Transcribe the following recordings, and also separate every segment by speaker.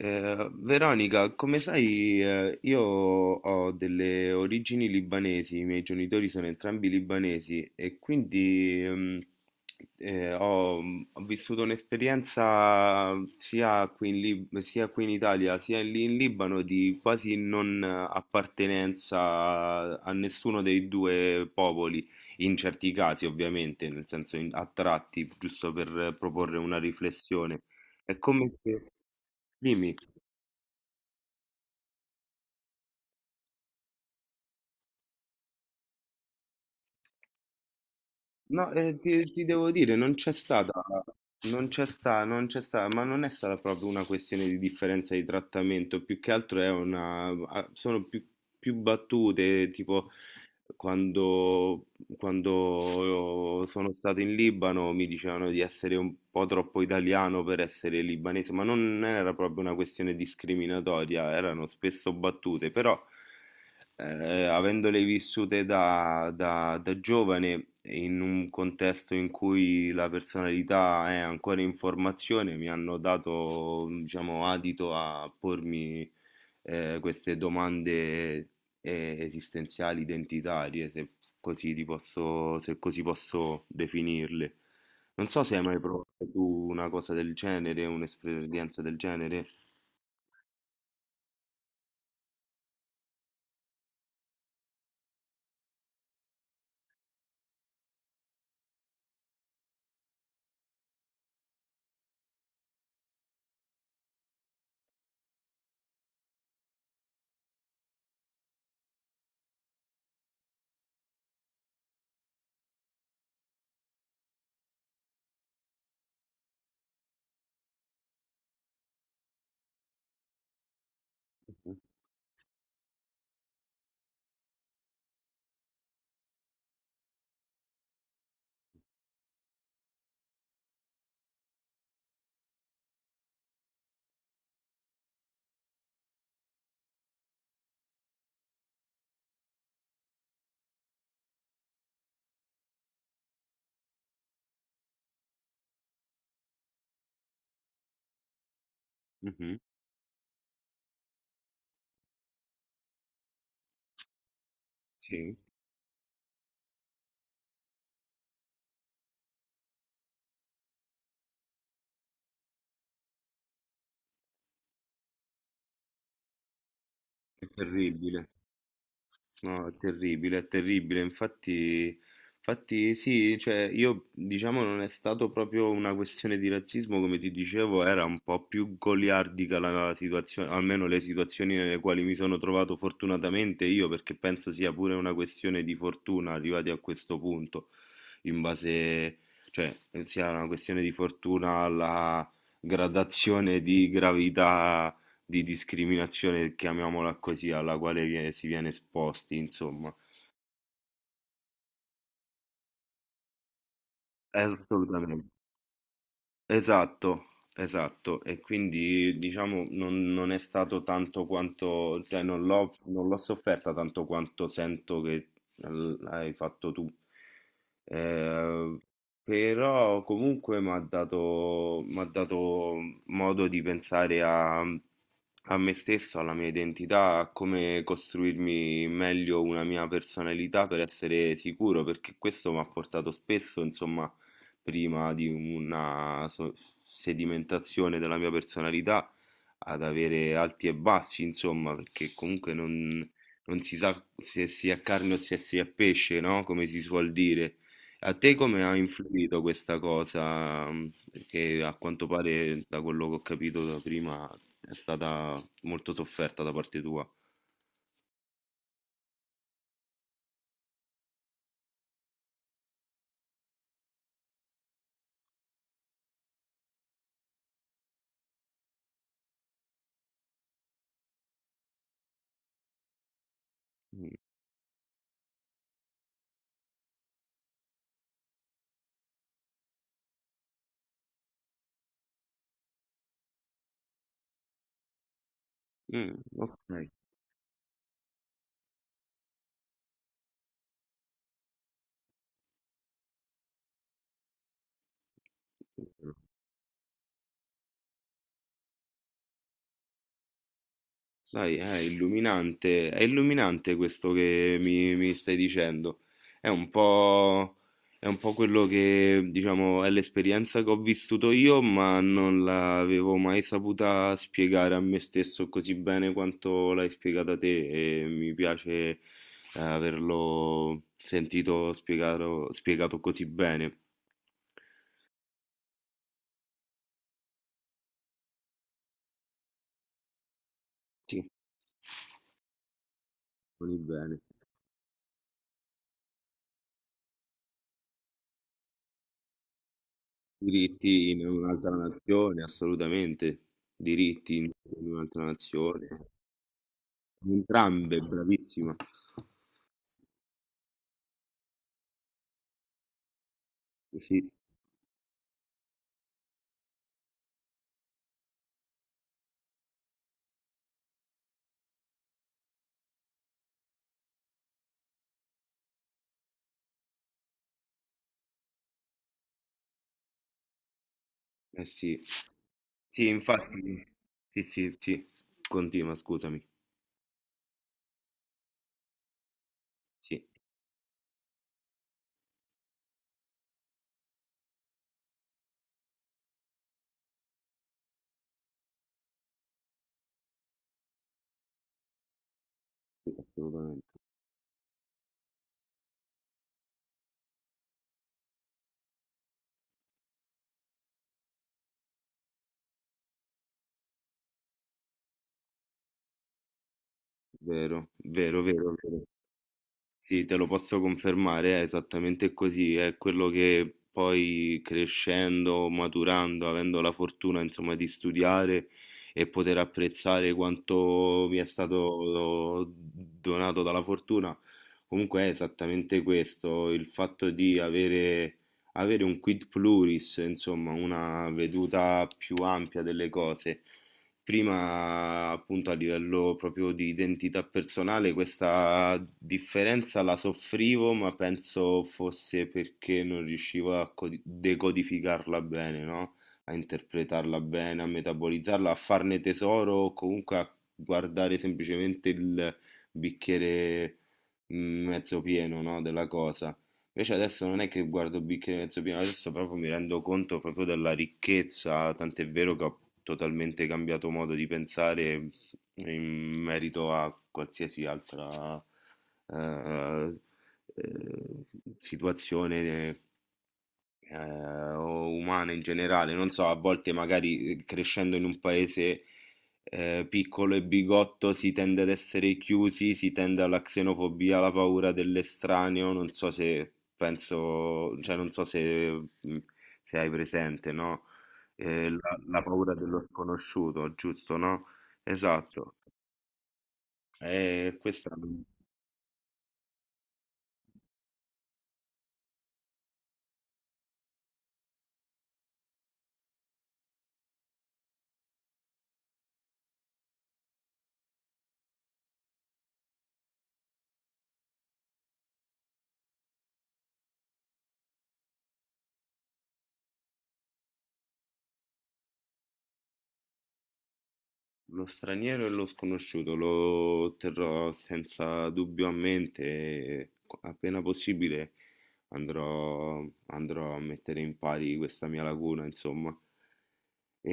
Speaker 1: Veronica, come sai, io ho delle origini libanesi, i miei genitori sono entrambi libanesi e quindi eh, ho, ho vissuto un'esperienza sia qui in sia qui in Italia sia lì in Libano di quasi non appartenenza a nessuno dei due popoli, in certi casi ovviamente, nel senso a tratti, giusto per proporre una riflessione. È come se... Dimmi. No, ti devo dire, non c'è stata, non c'è sta, non c'è sta, ma non è stata proprio una questione di differenza di trattamento, più che altro è una, ah, sono più, più battute, tipo Quando, quando sono stato in Libano mi dicevano di essere un po' troppo italiano per essere libanese, ma non era proprio una questione discriminatoria, erano spesso battute, però avendole vissute da giovane in un contesto in cui la personalità è ancora in formazione, mi hanno dato, diciamo, adito a pormi queste domande esistenziali, identitarie, se così, ti posso, se così posso definirle. Non so se hai mai provato tu una cosa del genere, un'esperienza del genere. Mhm. Sì, è terribile. No, è terribile, è terribile. Infatti, infatti sì, cioè io diciamo non è stato proprio una questione di razzismo, come ti dicevo, era un po' più goliardica la situazione, almeno le situazioni nelle quali mi sono trovato fortunatamente io, perché penso sia pure una questione di fortuna arrivati a questo punto in base, cioè sia una questione di fortuna alla gradazione di gravità di discriminazione, chiamiamola così, alla quale si viene esposti, insomma. Assolutamente. Esatto, esatto, e quindi diciamo non è stato tanto quanto, cioè non l'ho sofferta tanto quanto sento che hai fatto tu. Eh, Però comunque m'ha dato modo di pensare a me stesso, alla mia identità, a come costruirmi meglio una mia personalità per essere sicuro, perché questo mi ha portato spesso, insomma prima di una sedimentazione della mia personalità ad avere alti e bassi, insomma, perché comunque non si sa se si è carne o se si è pesce, no? Come si suol dire. A te come ha influito questa cosa? Perché a quanto pare, da quello che ho capito da prima, è stata molto sofferta da parte tua. Mm, ok. Sai, è illuminante questo che mi stai dicendo. È un po', è un po' quello che, diciamo, è l'esperienza che ho vissuto io, ma non l'avevo mai saputa spiegare a me stesso così bene quanto l'hai spiegata te e mi piace eh, averlo sentito spiegato così bene. Sì, così bene. Diritti in un'altra nazione, assolutamente. Diritti in In un'altra nazione. Entrambe, bravissima. Sì, eh sì. Sì, infatti. Sì, sì, sì. Continua, scusami. Sì, sì, assolutamente. Vero, vero, vero, vero. Sì, te lo posso confermare, è esattamente così, è quello che poi crescendo, maturando, avendo la fortuna insomma di studiare e poter apprezzare quanto mi è stato donato dalla fortuna, comunque è esattamente questo, il fatto di avere un quid pluris, insomma una veduta più ampia delle cose. Prima, appunto, a livello proprio di identità personale, questa differenza la soffrivo, ma penso fosse perché non riuscivo a decodificarla bene, no? A interpretarla bene, a metabolizzarla, a farne tesoro, o comunque a guardare semplicemente il bicchiere mezzo pieno, no? Della cosa. Invece adesso non è che guardo il bicchiere mezzo pieno, adesso proprio mi rendo conto proprio della ricchezza, tant'è vero che ho totalmente cambiato modo di pensare in merito a qualsiasi altra eh, eh, situazione o umane in generale. Non so, a volte magari crescendo in un paese piccolo e bigotto si tende ad essere chiusi, si tende alla xenofobia, alla paura dell'estraneo. Non so se penso, cioè non so se, mm, se hai presente, no? La paura dello sconosciuto, giusto, no? Esatto. Questa Lo straniero e lo sconosciuto lo terrò senza dubbio a mente e appena possibile andrò, andrò a mettere in pari questa mia lacuna, insomma. E,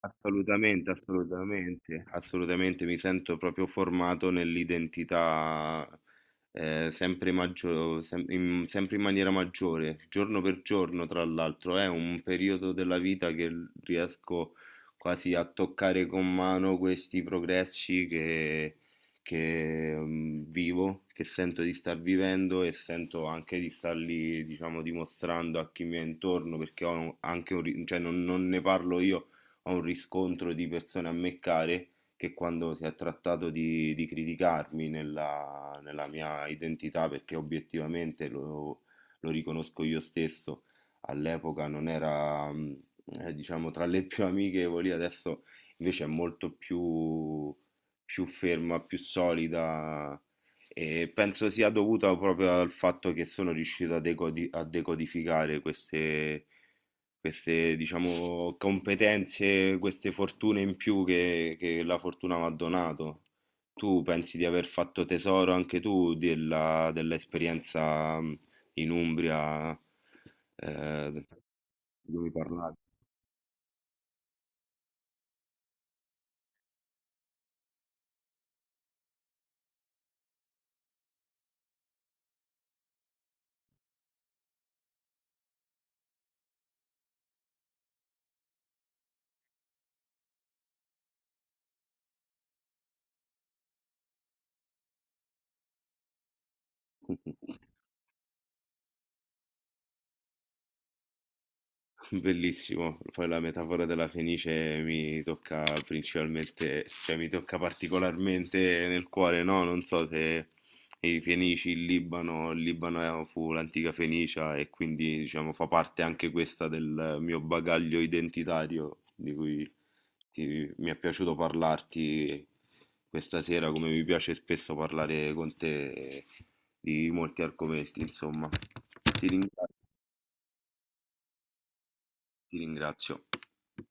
Speaker 1: Assolutamente, assolutamente, assolutamente mi sento proprio formato nell'identità sempre in maniera maggiore, giorno per giorno, tra l'altro, è un periodo della vita che riesco quasi a toccare con mano questi progressi vivo, che sento di star vivendo e sento anche di starli, diciamo, dimostrando a chi mi è intorno, perché ho anche cioè non ne parlo io, ho un riscontro di persone a me care che quando si è trattato di criticarmi nella mia identità, perché obiettivamente lo riconosco io stesso, all'epoca non era, diciamo, tra le più amichevoli, adesso invece è più ferma, più solida. E penso sia dovuta proprio al fatto che sono riuscito a decodificare queste, diciamo, competenze, queste fortune in più che la fortuna mi ha donato. Tu pensi di aver fatto tesoro anche tu dell'esperienza in Umbria, eh, di cui parlavi? Bellissimo, poi la metafora della fenice mi tocca principalmente, cioè mi tocca particolarmente nel cuore, no? Non so se i Fenici, il Libano, il fu l'antica Fenicia e quindi diciamo fa parte anche questa del mio bagaglio identitario di cui mi è piaciuto parlarti questa sera, come mi piace spesso parlare con te di molti argomenti, insomma. Ti ringrazio, ti ringrazio.